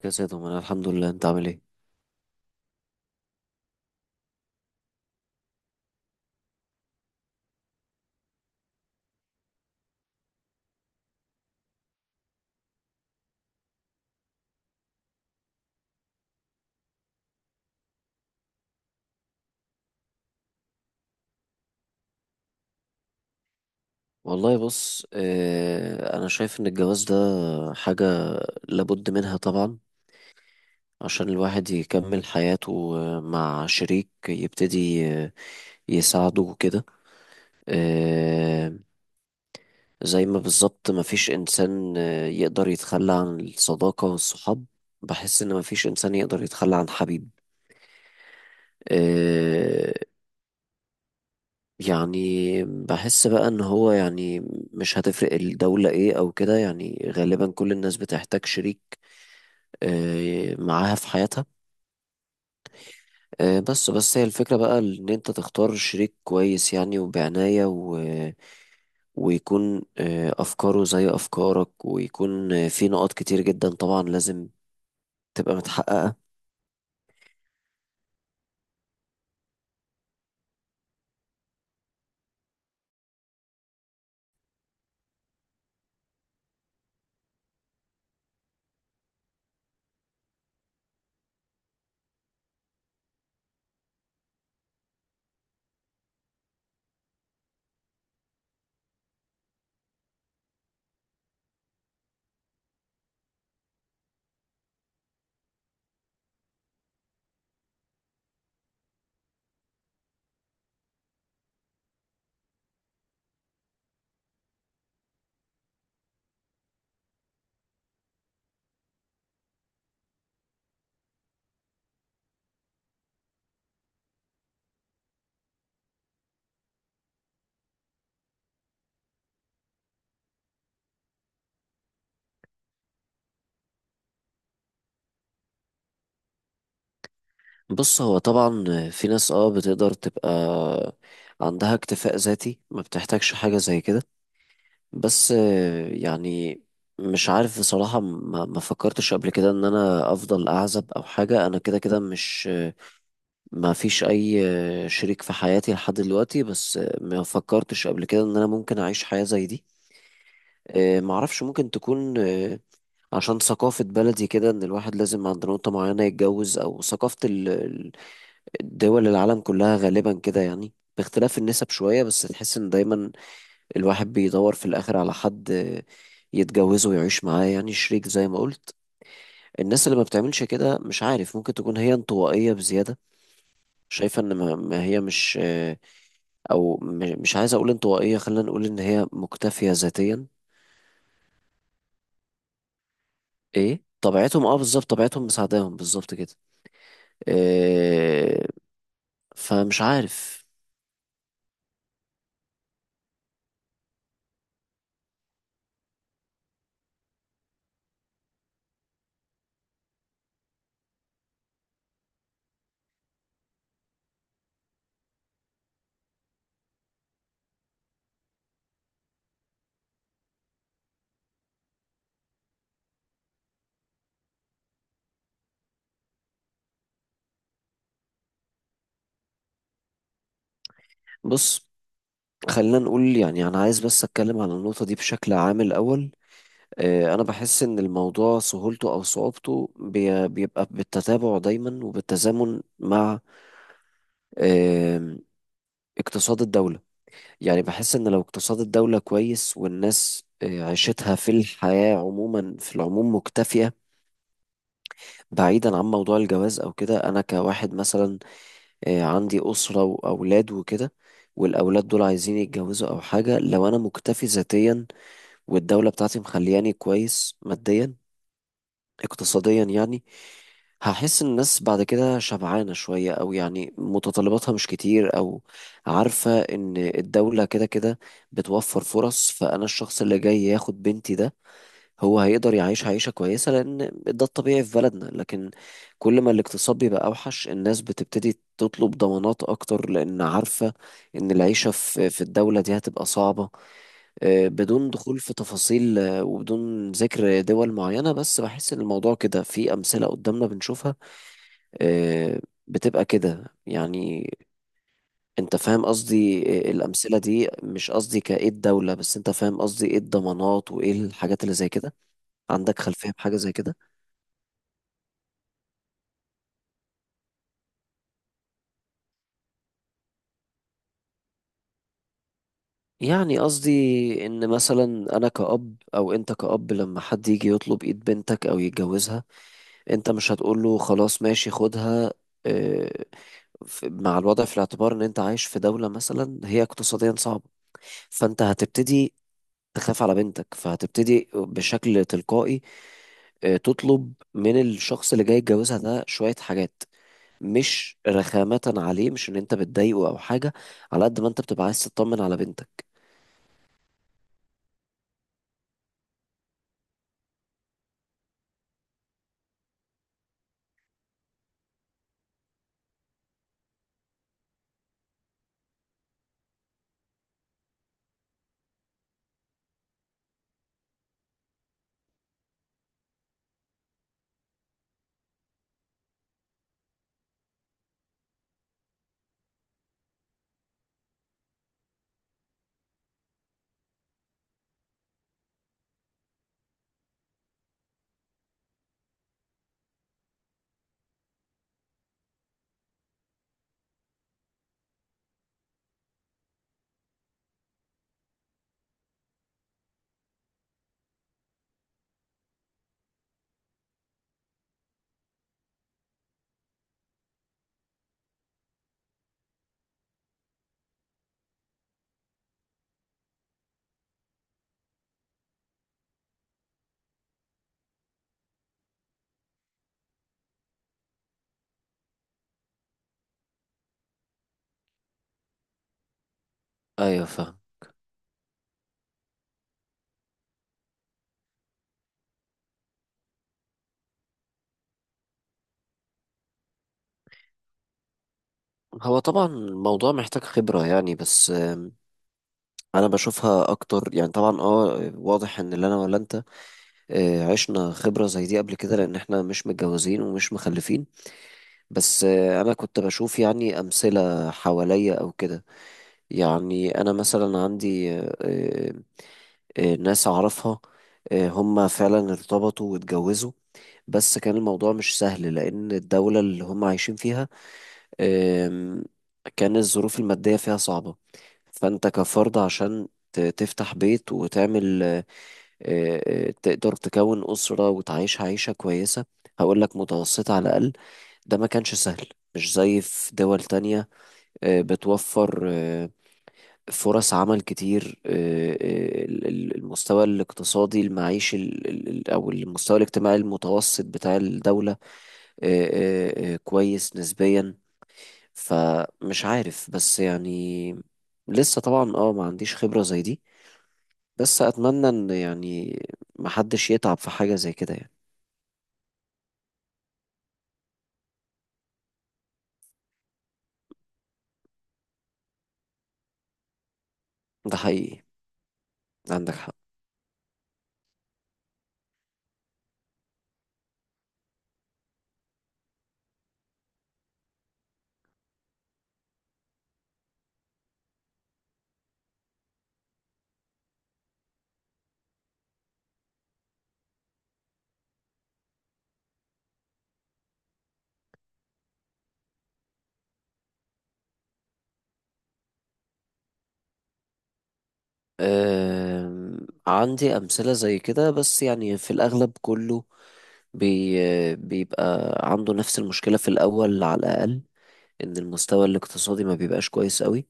كذا يا دومان، الحمد لله، انت عامل ايه؟ والله، بص، انا شايف ان الجواز ده حاجة لابد منها طبعا، عشان الواحد يكمل حياته مع شريك يبتدي يساعده وكده. اه زي ما بالظبط مفيش انسان يقدر يتخلى عن الصداقة والصحاب. بحس ان مفيش انسان يقدر يتخلى عن حبيب. آه، يعني بحس بقى ان هو، يعني، مش هتفرق الدولة ايه او كده، يعني غالبا كل الناس بتحتاج شريك معاها في حياتها. بس هي الفكرة بقى ان انت تختار شريك كويس يعني، وبعناية ويكون افكاره زي افكارك، ويكون في نقاط كتير جدا طبعا لازم تبقى متحققة. بص، هو طبعا في ناس بتقدر تبقى عندها اكتفاء ذاتي، ما بتحتاجش حاجة زي كده. بس، يعني، مش عارف بصراحة. ما فكرتش قبل كده ان انا افضل اعزب او حاجة، انا كده كده مش، ما فيش اي، شريك في حياتي لحد دلوقتي. بس ما فكرتش قبل كده ان انا ممكن اعيش حياة زي دي. ما اعرفش، ممكن تكون عشان ثقافة بلدي كده، ان الواحد لازم عند نقطة معينة يتجوز، او ثقافة الدول العالم كلها غالبا كده، يعني باختلاف النسب شوية، بس تحس ان دايما الواحد بيدور في الآخر على حد يتجوزه ويعيش معاه، يعني شريك زي ما قلت. الناس اللي ما بتعملش كده، مش عارف، ممكن تكون هي انطوائية بزيادة، شايفة ان ما هي مش، او مش عايز اقول انطوائية، خلينا نقول ان هي مكتفية ذاتيا. ايه، طبيعتهم، بالظبط، طبيعتهم مساعداهم، بالظبط كده. إيه؟ فمش عارف. بص، خلينا نقول يعني، انا عايز بس اتكلم على النقطة دي بشكل عام الاول. انا بحس ان الموضوع سهولته او صعوبته بيبقى بالتتابع دايما وبالتزامن مع، آم، اقتصاد الدولة. يعني بحس ان لو اقتصاد الدولة كويس والناس عيشتها في الحياة عموما، في العموم مكتفية. بعيدا عن موضوع الجواز او كده، انا كواحد مثلا عندي أسرة واولاد وكده، والأولاد دول عايزين يتجوزوا أو حاجة، لو أنا مكتفي ذاتيا والدولة بتاعتي مخلياني كويس ماديا اقتصاديا يعني، هحس ان الناس بعد كده شبعانة شوية، او يعني متطلباتها مش كتير، او عارفة ان الدولة كده كده بتوفر فرص. فانا الشخص اللي جاي ياخد بنتي ده، هو هيقدر يعيش عيشة كويسة لان ده الطبيعي في بلدنا. لكن كل ما الاقتصاد بيبقى اوحش، الناس بتبتدي تطلب ضمانات اكتر، لان عارفة ان العيشة في الدولة دي هتبقى صعبة. بدون دخول في تفاصيل، وبدون ذكر دول معينة، بس بحس إن الموضوع كده، في أمثلة قدامنا بنشوفها آه، بتبقى كده يعني. أنت فاهم قصدي؟ الأمثلة دي مش قصدي كإيه الدولة، بس أنت فاهم قصدي إيه الضمانات وإيه الحاجات اللي زي كده. عندك خلفية بحاجة زي كده؟ يعني قصدي إن مثلا أنا كأب أو أنت كأب، لما حد يجي يطلب إيد بنتك أو يتجوزها، أنت مش هتقول له خلاص ماشي خدها. آه، مع الوضع في الاعتبار ان انت عايش في دولة مثلا هي اقتصاديا صعبة، فانت هتبتدي تخاف على بنتك، فهتبتدي بشكل تلقائي تطلب من الشخص اللي جاي يتجوزها ده شوية حاجات، مش رخامة عليه، مش ان انت بتضايقه او حاجة، على قد ما انت بتبقى عايز تطمن على بنتك. ايوه، فاهم. هو طبعا الموضوع محتاج خبرة يعني، بس انا بشوفها اكتر، يعني طبعا واضح ان اللي انا ولا انت عشنا خبرة زي دي قبل كده، لأن احنا مش متجوزين ومش مخلفين. بس أنا كنت بشوف يعني أمثلة حواليا أو كده. يعني أنا مثلا عندي ناس أعرفها، هم فعلا ارتبطوا واتجوزوا، بس كان الموضوع مش سهل لأن الدولة اللي هم عايشين فيها، آم، كان الظروف المادية فيها صعبة. فأنت كفرد، عشان تفتح بيت وتعمل، آه، تقدر تكون أسرة وتعيش عيشة كويسة، هقول لك متوسطة على الأقل، ده ما كانش سهل، مش زي في دول تانية بتوفر فرص عمل كتير. المستوى الاقتصادي المعيشي أو المستوى الاجتماعي المتوسط بتاع الدولة، آه، كويس نسبيا. فمش عارف، بس يعني لسه طبعا ما عنديش خبرة زي دي، بس أتمنى إن يعني محدش يتعب في حاجة زي كده يعني. ده حقيقي. عندك حق. عندي أمثلة زي كده، بس يعني في الأغلب كله بي بيبقى عنده نفس المشكلة في الأول على الأقل، إن المستوى الاقتصادي ما بيبقاش كويس قوي،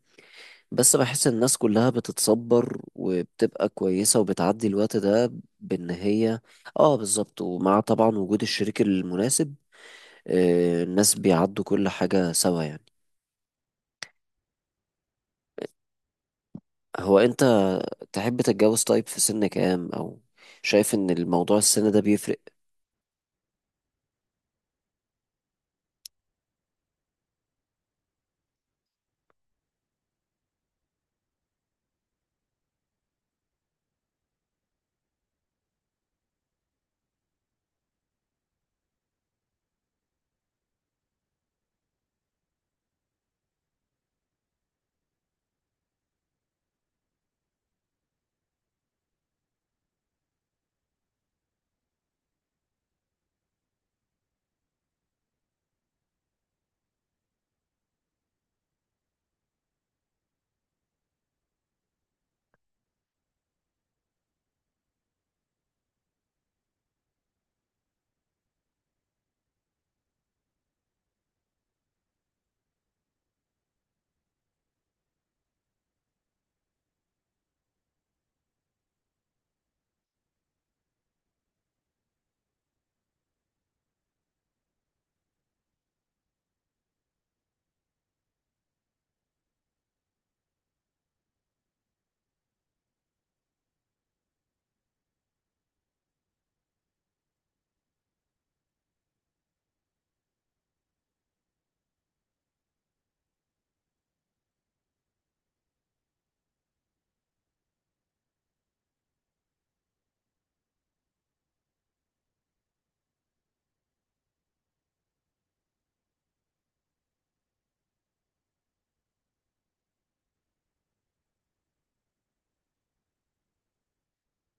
بس بحس الناس كلها بتتصبر وبتبقى كويسة وبتعدي الوقت ده بإن هي، بالظبط، ومع طبعا وجود الشريك المناسب. الناس بيعدوا كل حاجة سوا يعني. هو أنت تحب تتجوز؟ طيب، في سن كام؟ او شايف ان الموضوع السن ده بيفرق؟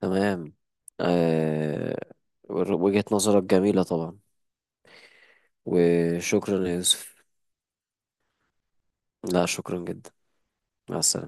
تمام. آه... وجهة نظرك جميلة طبعا. وشكرا يا يوسف. لا، شكرا جدا. مع السلامة.